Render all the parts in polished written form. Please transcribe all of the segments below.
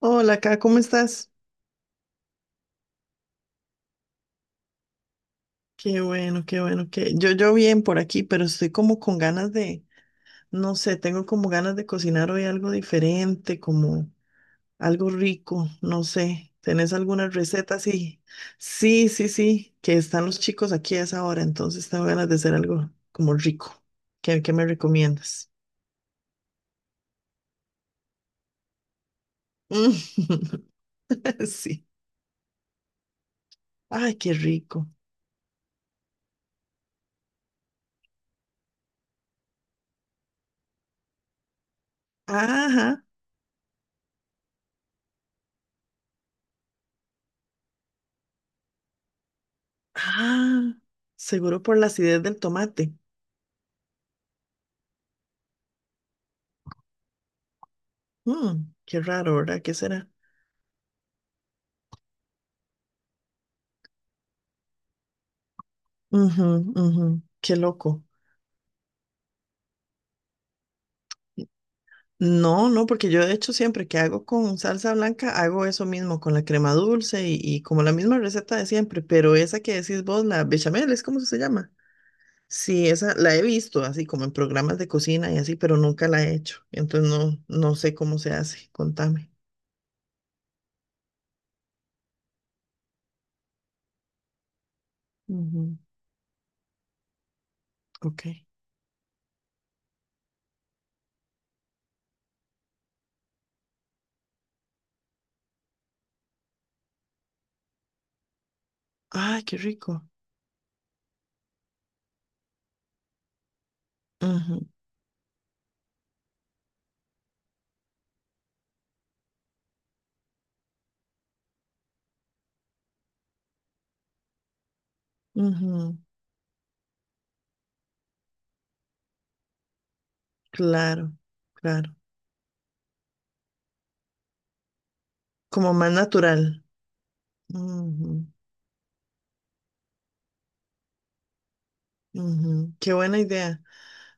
Hola, acá, ¿cómo estás? Qué bueno, que yo bien por aquí, pero estoy como con ganas de, no sé, tengo como ganas de cocinar hoy algo diferente, como algo rico, no sé. ¿Tenés alguna receta? Sí, sí, sí, sí, que están los chicos aquí a esa hora, entonces tengo ganas de hacer algo como rico. ¿Qué, qué me recomiendas? Sí. Ay, qué rico. Ajá. Ah, seguro por la acidez del tomate. Mm, qué raro, ¿verdad? ¿Qué será? Ujú, ujú, qué loco. No, no, porque yo de hecho siempre que hago con salsa blanca hago eso mismo, con la crema dulce y como la misma receta de siempre, pero esa que decís vos, la bechamel, ¿es cómo se llama? Sí, esa la he visto así como en programas de cocina y así, pero nunca la he hecho. Entonces no, no sé cómo se hace. Contame. Ujú, ok. Ay, qué rico. Ujú, ujú, claro, claro. Como más natural. Ujú, ujú, qué buena idea.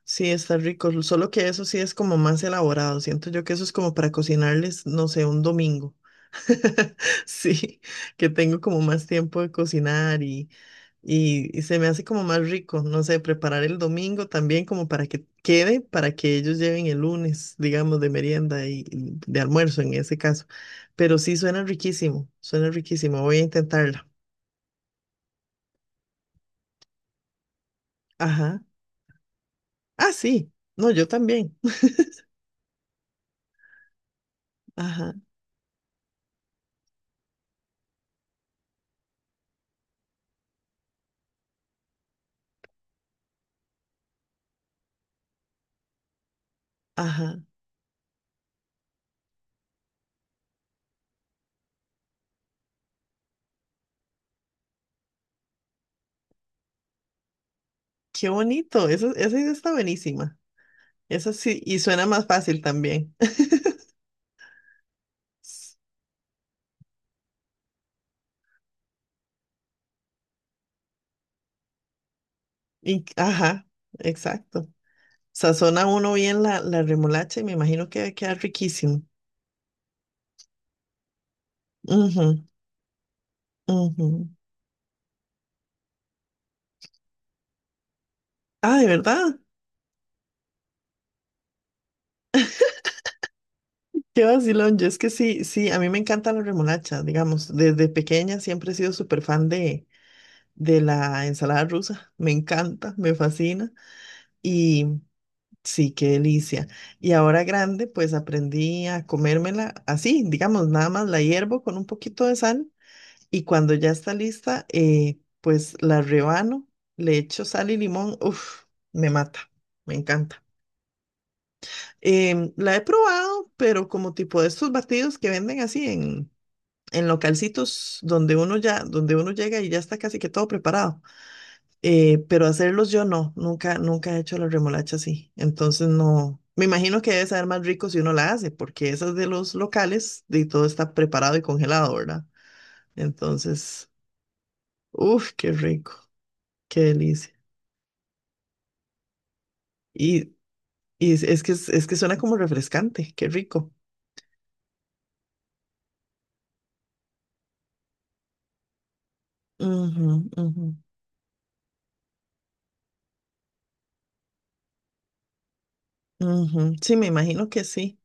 Sí, está rico, solo que eso sí es como más elaborado. Siento yo que eso es como para cocinarles, no sé, un domingo. Sí, que tengo como más tiempo de cocinar y se me hace como más rico, no sé, preparar el domingo también como para que quede, para que ellos lleven el lunes, digamos, de merienda y de almuerzo en ese caso. Pero sí suena riquísimo, suena riquísimo. Voy a intentarla. Ajá. Ah, sí. No, yo también. Ajá, ajá. Qué bonito. Esa idea está buenísima. Eso sí, y suena más fácil también. Y, ajá, exacto. Sazona uno bien la, la remolacha y me imagino que va a quedar riquísimo. Ujú, ujú. Ah, de verdad. Qué vacilón. Yo es que sí, sí, a mí me encanta la remolacha, digamos. Desde pequeña siempre he sido súper fan de la ensalada rusa. Me encanta, me fascina. Y sí, qué delicia. Y ahora grande, pues aprendí a comérmela así, digamos, nada más la hiervo con un poquito de sal. Y cuando ya está lista, pues la rebano, le echo sal y limón. Uf, me mata, me encanta. La he probado, pero como tipo de estos batidos que venden así en localcitos donde uno ya, donde uno llega y ya está casi que todo preparado. Pero hacerlos yo no, nunca, nunca he hecho la remolacha así. Entonces no, me imagino que debe saber más rico si uno la hace, porque esas de los locales, de todo está preparado y congelado, ¿verdad? Entonces, uff, qué rico. Qué delicia. Y, y es que suena como refrescante, qué rico. Ujú, ujú, ujú. Sí, me imagino que sí.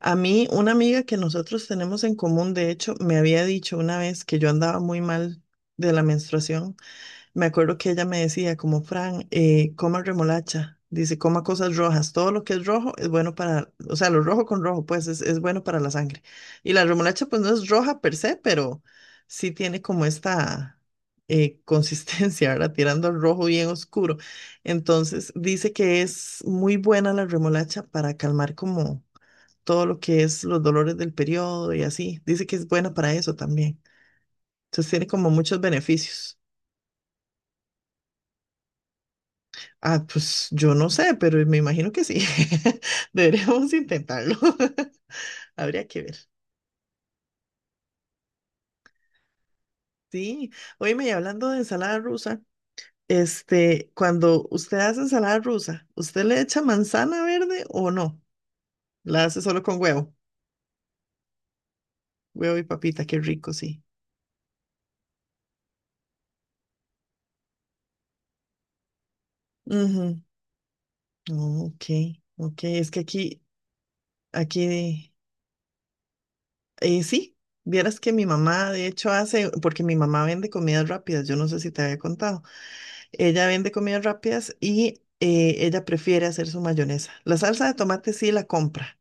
A mí, una amiga que nosotros tenemos en común, de hecho, me había dicho una vez que yo andaba muy mal de la menstruación. Me acuerdo que ella me decía, como Fran, coma remolacha, dice, coma cosas rojas, todo lo que es rojo es bueno para, o sea, lo rojo con rojo, pues es bueno para la sangre. Y la remolacha, pues no es roja per se, pero sí tiene como esta consistencia, ¿verdad? Tirando al rojo bien oscuro. Entonces, dice que es muy buena la remolacha para calmar como todo lo que es los dolores del periodo y así. Dice que es buena para eso también. Entonces, tiene como muchos beneficios. Ah, pues yo no sé, pero me imagino que sí. Deberíamos intentarlo. Habría que ver. Sí. Óyeme, y hablando de ensalada rusa, este, cuando usted hace ensalada rusa, ¿usted le echa manzana verde o no? La hace solo con huevo. Huevo y papita, qué rico, sí. Ujú. Ok, ok. Es que aquí, aquí. Sí, vieras que mi mamá, de hecho, hace, porque mi mamá vende comidas rápidas, yo no sé si te había contado. Ella vende comidas rápidas y ella prefiere hacer su mayonesa. La salsa de tomate sí la compra,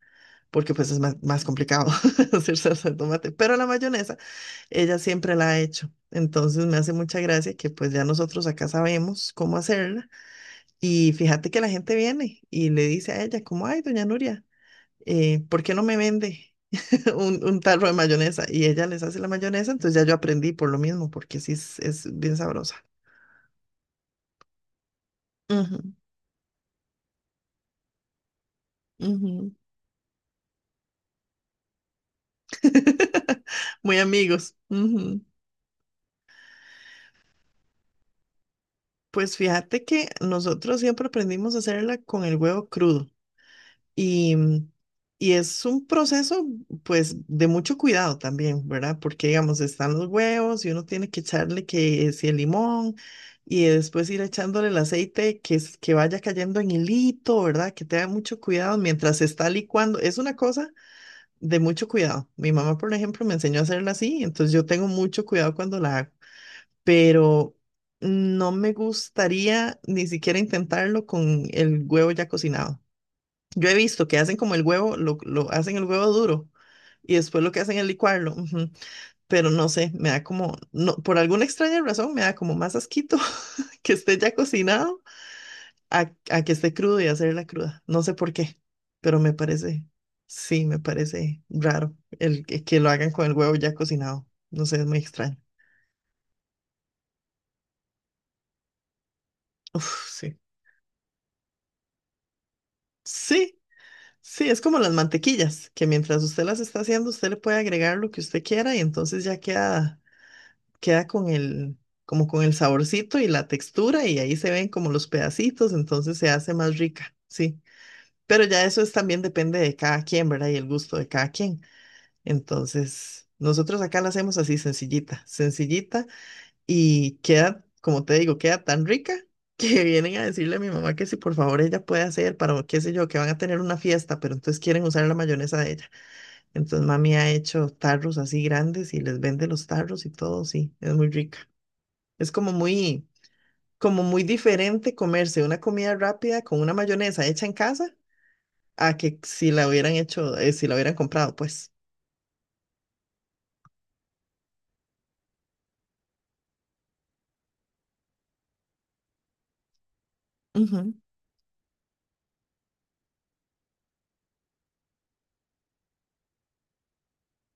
porque pues es más, más complicado hacer salsa de tomate, pero la mayonesa ella siempre la ha hecho. Entonces me hace mucha gracia que pues ya nosotros acá sabemos cómo hacerla. Y fíjate que la gente viene y le dice a ella, como, ay, doña Nuria, ¿por qué no me vende un tarro de mayonesa? Y ella les hace la mayonesa, entonces ya yo aprendí por lo mismo, porque sí es bien sabrosa. Ujú, ujú. Muy amigos. Ujú. Pues fíjate que nosotros siempre aprendimos a hacerla con el huevo crudo. Y, y es un proceso, pues, de mucho cuidado también, ¿verdad? Porque, digamos, están los huevos y uno tiene que echarle que si el limón y después ir echándole el aceite que, que vaya cayendo en hilito, ¿verdad? Que tenga mucho cuidado mientras se está licuando. Es una cosa de mucho cuidado. Mi mamá, por ejemplo, me enseñó a hacerla así, entonces yo tengo mucho cuidado cuando la hago, pero no me gustaría ni siquiera intentarlo con el huevo ya cocinado. Yo he visto que hacen como el huevo, lo hacen el huevo duro y después lo que hacen es licuarlo, ujú. Pero no sé, me da como, no, por alguna extraña razón, me da como más asquito que esté ya cocinado a que esté crudo y hacerla cruda. No sé por qué, pero me parece, sí, me parece raro el que lo hagan con el huevo ya cocinado. No sé, es muy extraño. Uf, sí. Sí, sí, es como las mantequillas, que mientras usted las está haciendo, usted le puede agregar lo que usted quiera y entonces ya queda con el, como con el saborcito y la textura y ahí se ven como los pedacitos, entonces se hace más rica, sí. Pero ya eso es también depende de cada quien, ¿verdad? Y el gusto de cada quien. Entonces, nosotros acá la hacemos así sencillita, sencillita y queda, como te digo, queda tan rica que vienen a decirle a mi mamá que si por favor ella puede hacer para, qué sé yo, que van a tener una fiesta, pero entonces quieren usar la mayonesa de ella. Entonces mami ha hecho tarros así grandes y les vende los tarros y todo, sí, es muy rica. Es como muy diferente comerse una comida rápida con una mayonesa hecha en casa a que si la hubieran hecho, si la hubieran comprado, pues. Ujú,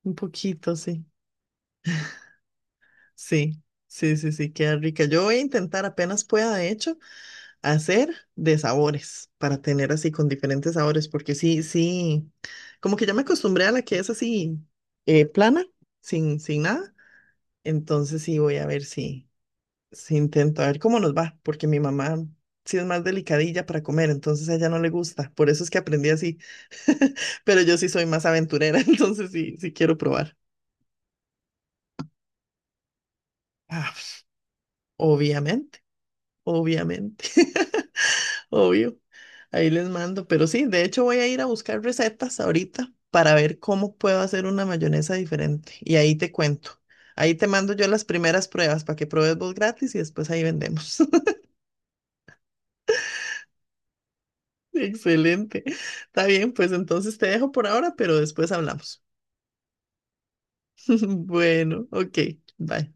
un poquito, sí. Sí, sí, sí, sí, queda rica. Yo voy a intentar apenas pueda, de hecho, hacer de sabores para tener así con diferentes sabores, porque sí, sí, como que ya me acostumbré a la que es así plana, sin, sin nada. Entonces sí, voy a ver si. Sí, intento a ver cómo nos va, porque mi mamá sí es más delicadilla para comer, entonces a ella no le gusta, por eso es que aprendí así, pero yo sí soy más aventurera, entonces sí, sí quiero probar. Ah, pues, obviamente, obviamente, obvio. Ahí les mando, pero sí, de hecho voy a ir a buscar recetas ahorita para ver cómo puedo hacer una mayonesa diferente y ahí te cuento. Ahí te mando yo las primeras pruebas para que pruebes vos gratis y después ahí vendemos. Excelente. Está bien, pues entonces te dejo por ahora, pero después hablamos. Bueno, ok, bye.